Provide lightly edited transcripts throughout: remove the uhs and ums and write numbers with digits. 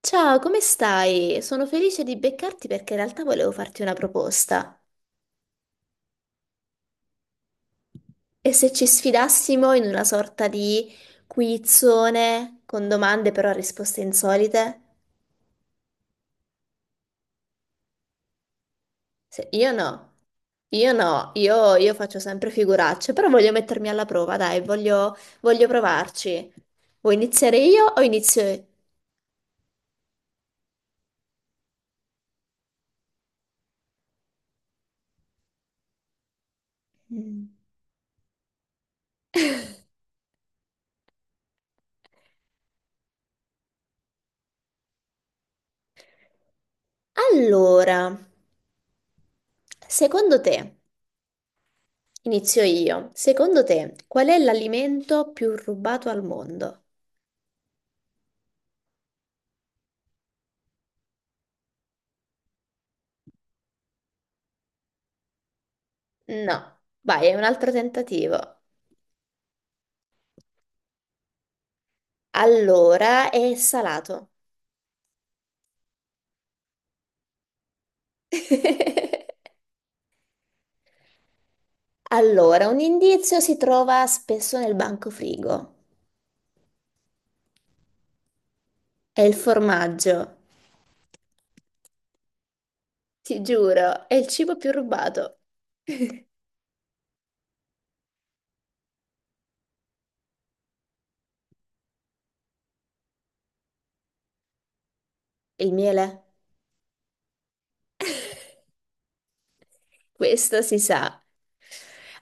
Ciao, come stai? Sono felice di beccarti perché in realtà volevo farti una proposta. E se ci sfidassimo in una sorta di quizzone con domande però a risposte insolite? Io no, io no, io faccio sempre figuracce, però voglio mettermi alla prova, dai, voglio provarci. Vuoi iniziare io o inizio... Mm. Allora, secondo te, inizio io, secondo te qual è l'alimento più rubato al mondo? No, vai, è un altro tentativo. Allora, è salato. Allora, un indizio si trova spesso nel bancofrigo. È il formaggio, ti giuro, è il cibo più rubato. Il miele? Questo si sa.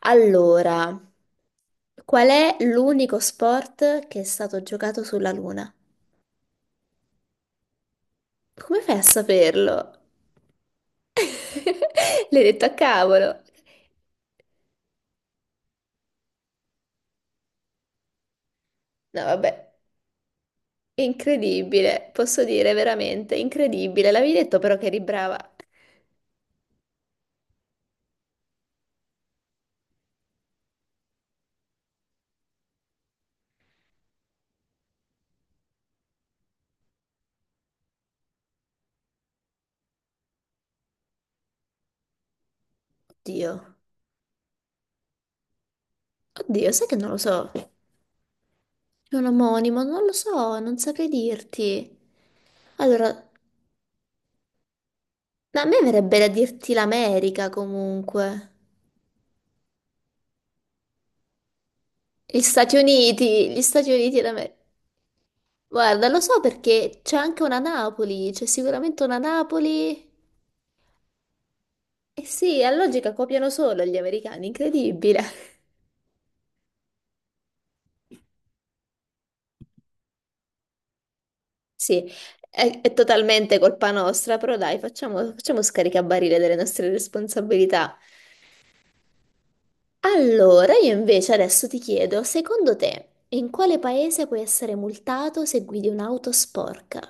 Allora, qual è l'unico sport che è stato giocato sulla Luna? Come fai a saperlo? L'hai detto a cavolo. No, vabbè. Incredibile, posso dire veramente incredibile. L'avevi detto però che eri brava. Oddio, oddio, sai che non lo so. È un omonimo, non lo so, non saprei dirti. Allora, a me verrebbe da dirti l'America comunque. Gli Stati Uniti d'America. Guarda, lo so perché c'è anche una Napoli, c'è sicuramente una Napoli. Eh sì, a logica copiano solo gli americani, incredibile. Sì, è totalmente colpa nostra, però dai, facciamo scaricabarile delle nostre responsabilità. Allora, io invece adesso ti chiedo, secondo te, in quale paese puoi essere multato se guidi un'auto sporca?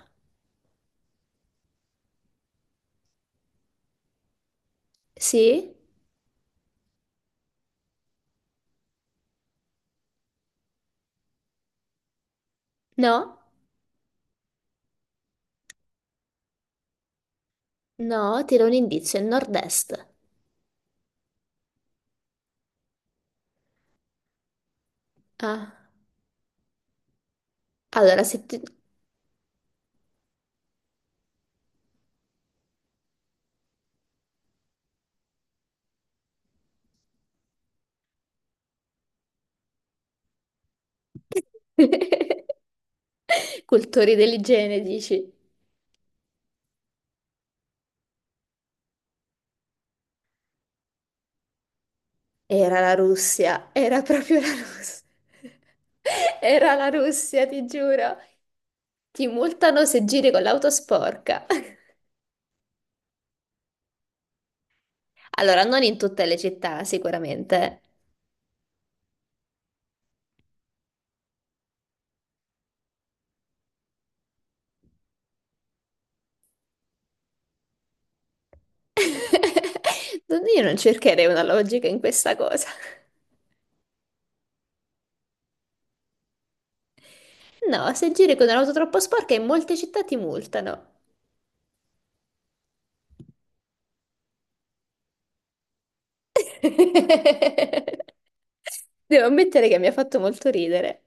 Sì? No? No, ti do un indizio, è nord-est. Ah, allora se ti... Cultori dell'igiene, dici? Era la Russia, era proprio la Russia. Era la Russia, ti giuro. Ti multano se giri con l'auto sporca. Allora, non in tutte le città, sicuramente. Io non cercherei una logica in questa cosa. No, se giri con un'auto troppo sporca in molte città ti multano. Devo ammettere che mi ha fatto molto ridere.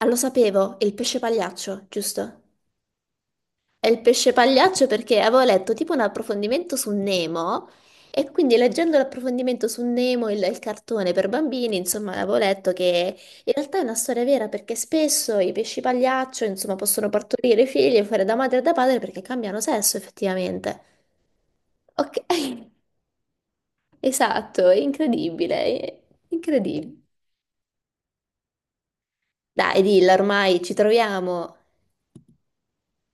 Ah, lo sapevo, il pesce pagliaccio, giusto? È il pesce pagliaccio perché avevo letto tipo un approfondimento su Nemo e quindi leggendo l'approfondimento su Nemo, il cartone per bambini, insomma, avevo letto che in realtà è una storia vera perché spesso i pesci pagliaccio, insomma, possono partorire figli e fare da madre e da padre perché cambiano sesso effettivamente. Ok, esatto, è incredibile, è incredibile. Dai, dilla, ormai ci troviamo.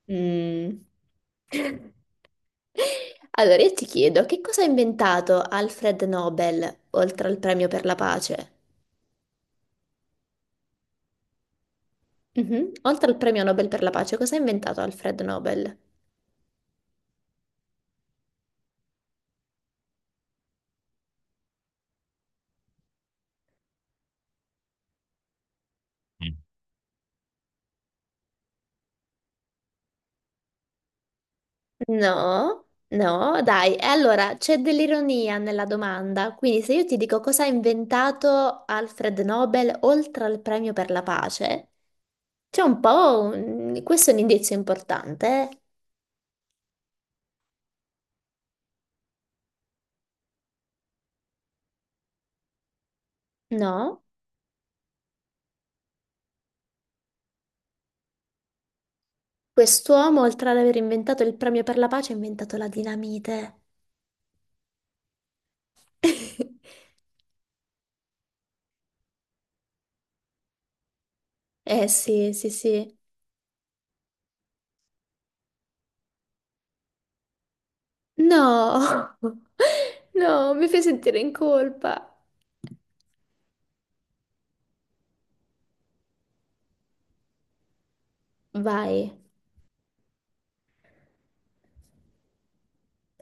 Mm. Allora, io ti chiedo, che cosa ha inventato Alfred Nobel oltre al premio per la pace? Mhm. Oltre al premio Nobel per la pace, cosa ha inventato Alfred Nobel? No, no, dai. E allora c'è dell'ironia nella domanda. Quindi, se io ti dico cosa ha inventato Alfred Nobel oltre al premio per la pace, c'è un po' un... questo è un indizio importante, eh? No? Quest'uomo, oltre ad aver inventato il premio per la pace, ha inventato la dinamite. Eh sì, sì, sì. No, no, mi fai sentire in colpa. Vai.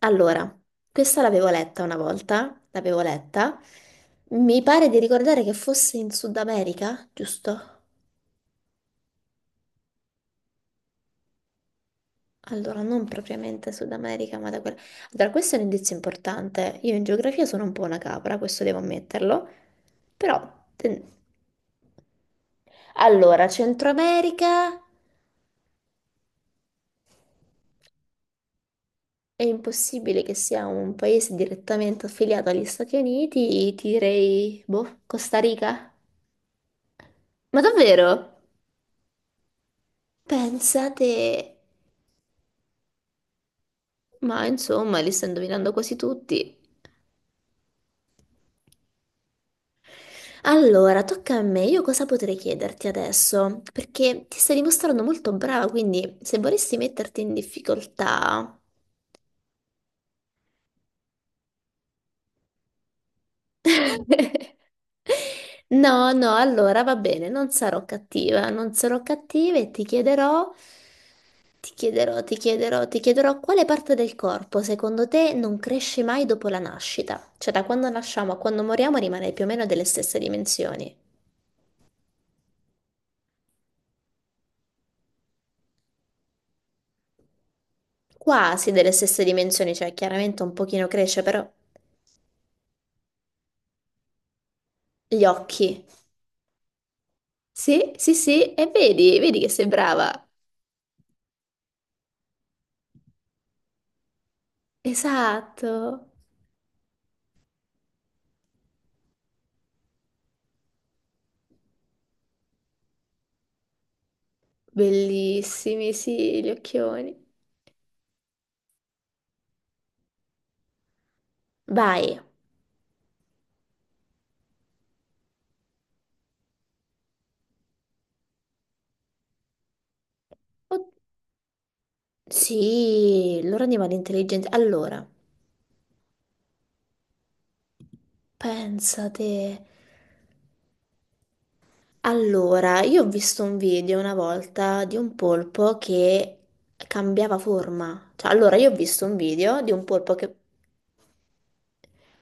Allora, questa l'avevo letta una volta, l'avevo letta. Mi pare di ricordare che fosse in Sud America, giusto? Allora, non propriamente Sud America, ma da quella... Allora, questo è un indizio importante. Io in geografia sono un po' una capra, questo devo ammetterlo. Però... Allora, Centro America... È impossibile che sia un paese direttamente affiliato agli Stati Uniti, ti direi, boh, Costa Rica? Ma davvero? Pensate... Ma insomma, li sto indovinando quasi tutti. Allora, tocca a me. Io cosa potrei chiederti adesso? Perché ti stai dimostrando molto brava, quindi se vorresti metterti in difficoltà... No, no, allora va bene, non sarò cattiva, non sarò cattiva e ti chiederò... ti chiederò quale parte del corpo secondo te non cresce mai dopo la nascita? Cioè da quando nasciamo a quando moriamo rimane più o meno delle stesse dimensioni. Quasi delle stesse dimensioni, cioè chiaramente un pochino cresce, però gli occhi. Sì, sì, sì, e vedi, vedi che sei brava. Esatto. Bellissimi, sì, gli occhioni. Vai. Oh, sì, loro animali intelligenti. Allora, pensate. Allora, io ho visto un video una volta di un polpo che cambiava forma. Cioè, allora, io ho visto un video di un polpo che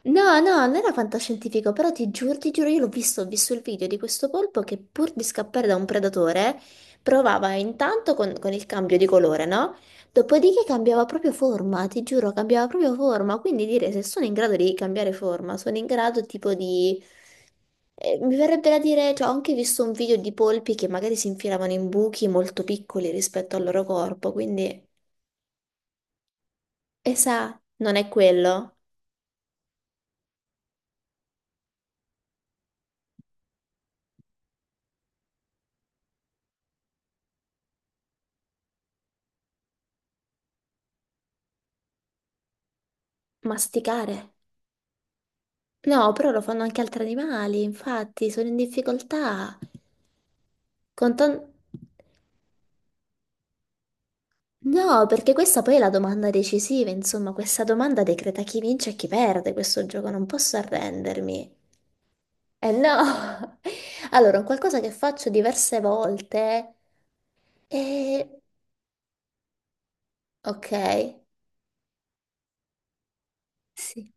no, no, non era fantascientifico, però ti giuro, io l'ho visto, ho visto il video di questo polpo che pur di scappare da un predatore provava intanto con il cambio di colore, no? Dopodiché cambiava proprio forma, ti giuro, cambiava proprio forma, quindi dire se sono in grado di cambiare forma, sono in grado tipo di... mi verrebbe da dire, cioè ho anche visto un video di polpi che magari si infilavano in buchi molto piccoli rispetto al loro corpo, quindi, e sa, non è quello, masticare. No, però lo fanno anche altri animali, infatti sono in difficoltà. Con tan- No, perché questa poi è la domanda decisiva, insomma, questa domanda decreta chi vince e chi perde questo gioco, non posso arrendermi. Eh no! Allora, un qualcosa che faccio diverse volte è... Ok, sì,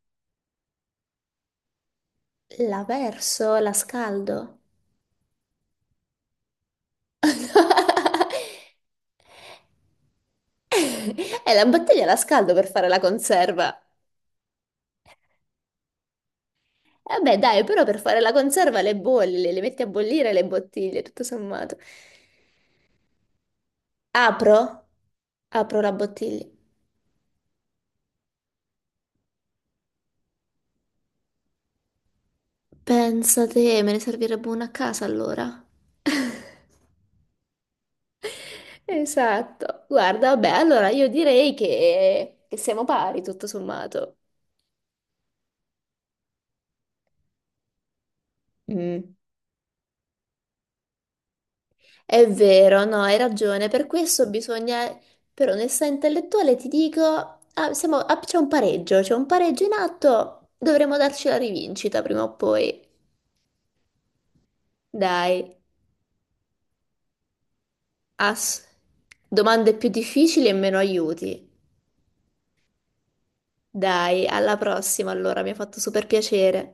la verso, la scaldo. E la bottiglia la scaldo per fare la conserva. Eh beh, dai, però per fare la conserva le bolli, le metti a bollire le bottiglie, tutto sommato. Apro? Apro la bottiglia. Pensa te, me ne servirebbe una a casa allora. Esatto. Guarda, vabbè, allora io direi che siamo pari, tutto sommato. Mm. È vero, no, hai ragione. Per questo bisogna, per onestà intellettuale, ti dico, ah, c'è un pareggio in atto, dovremo darci la rivincita prima o poi. Dai, ass- domande più difficili e meno aiuti. Dai, alla prossima allora, mi ha fatto super piacere.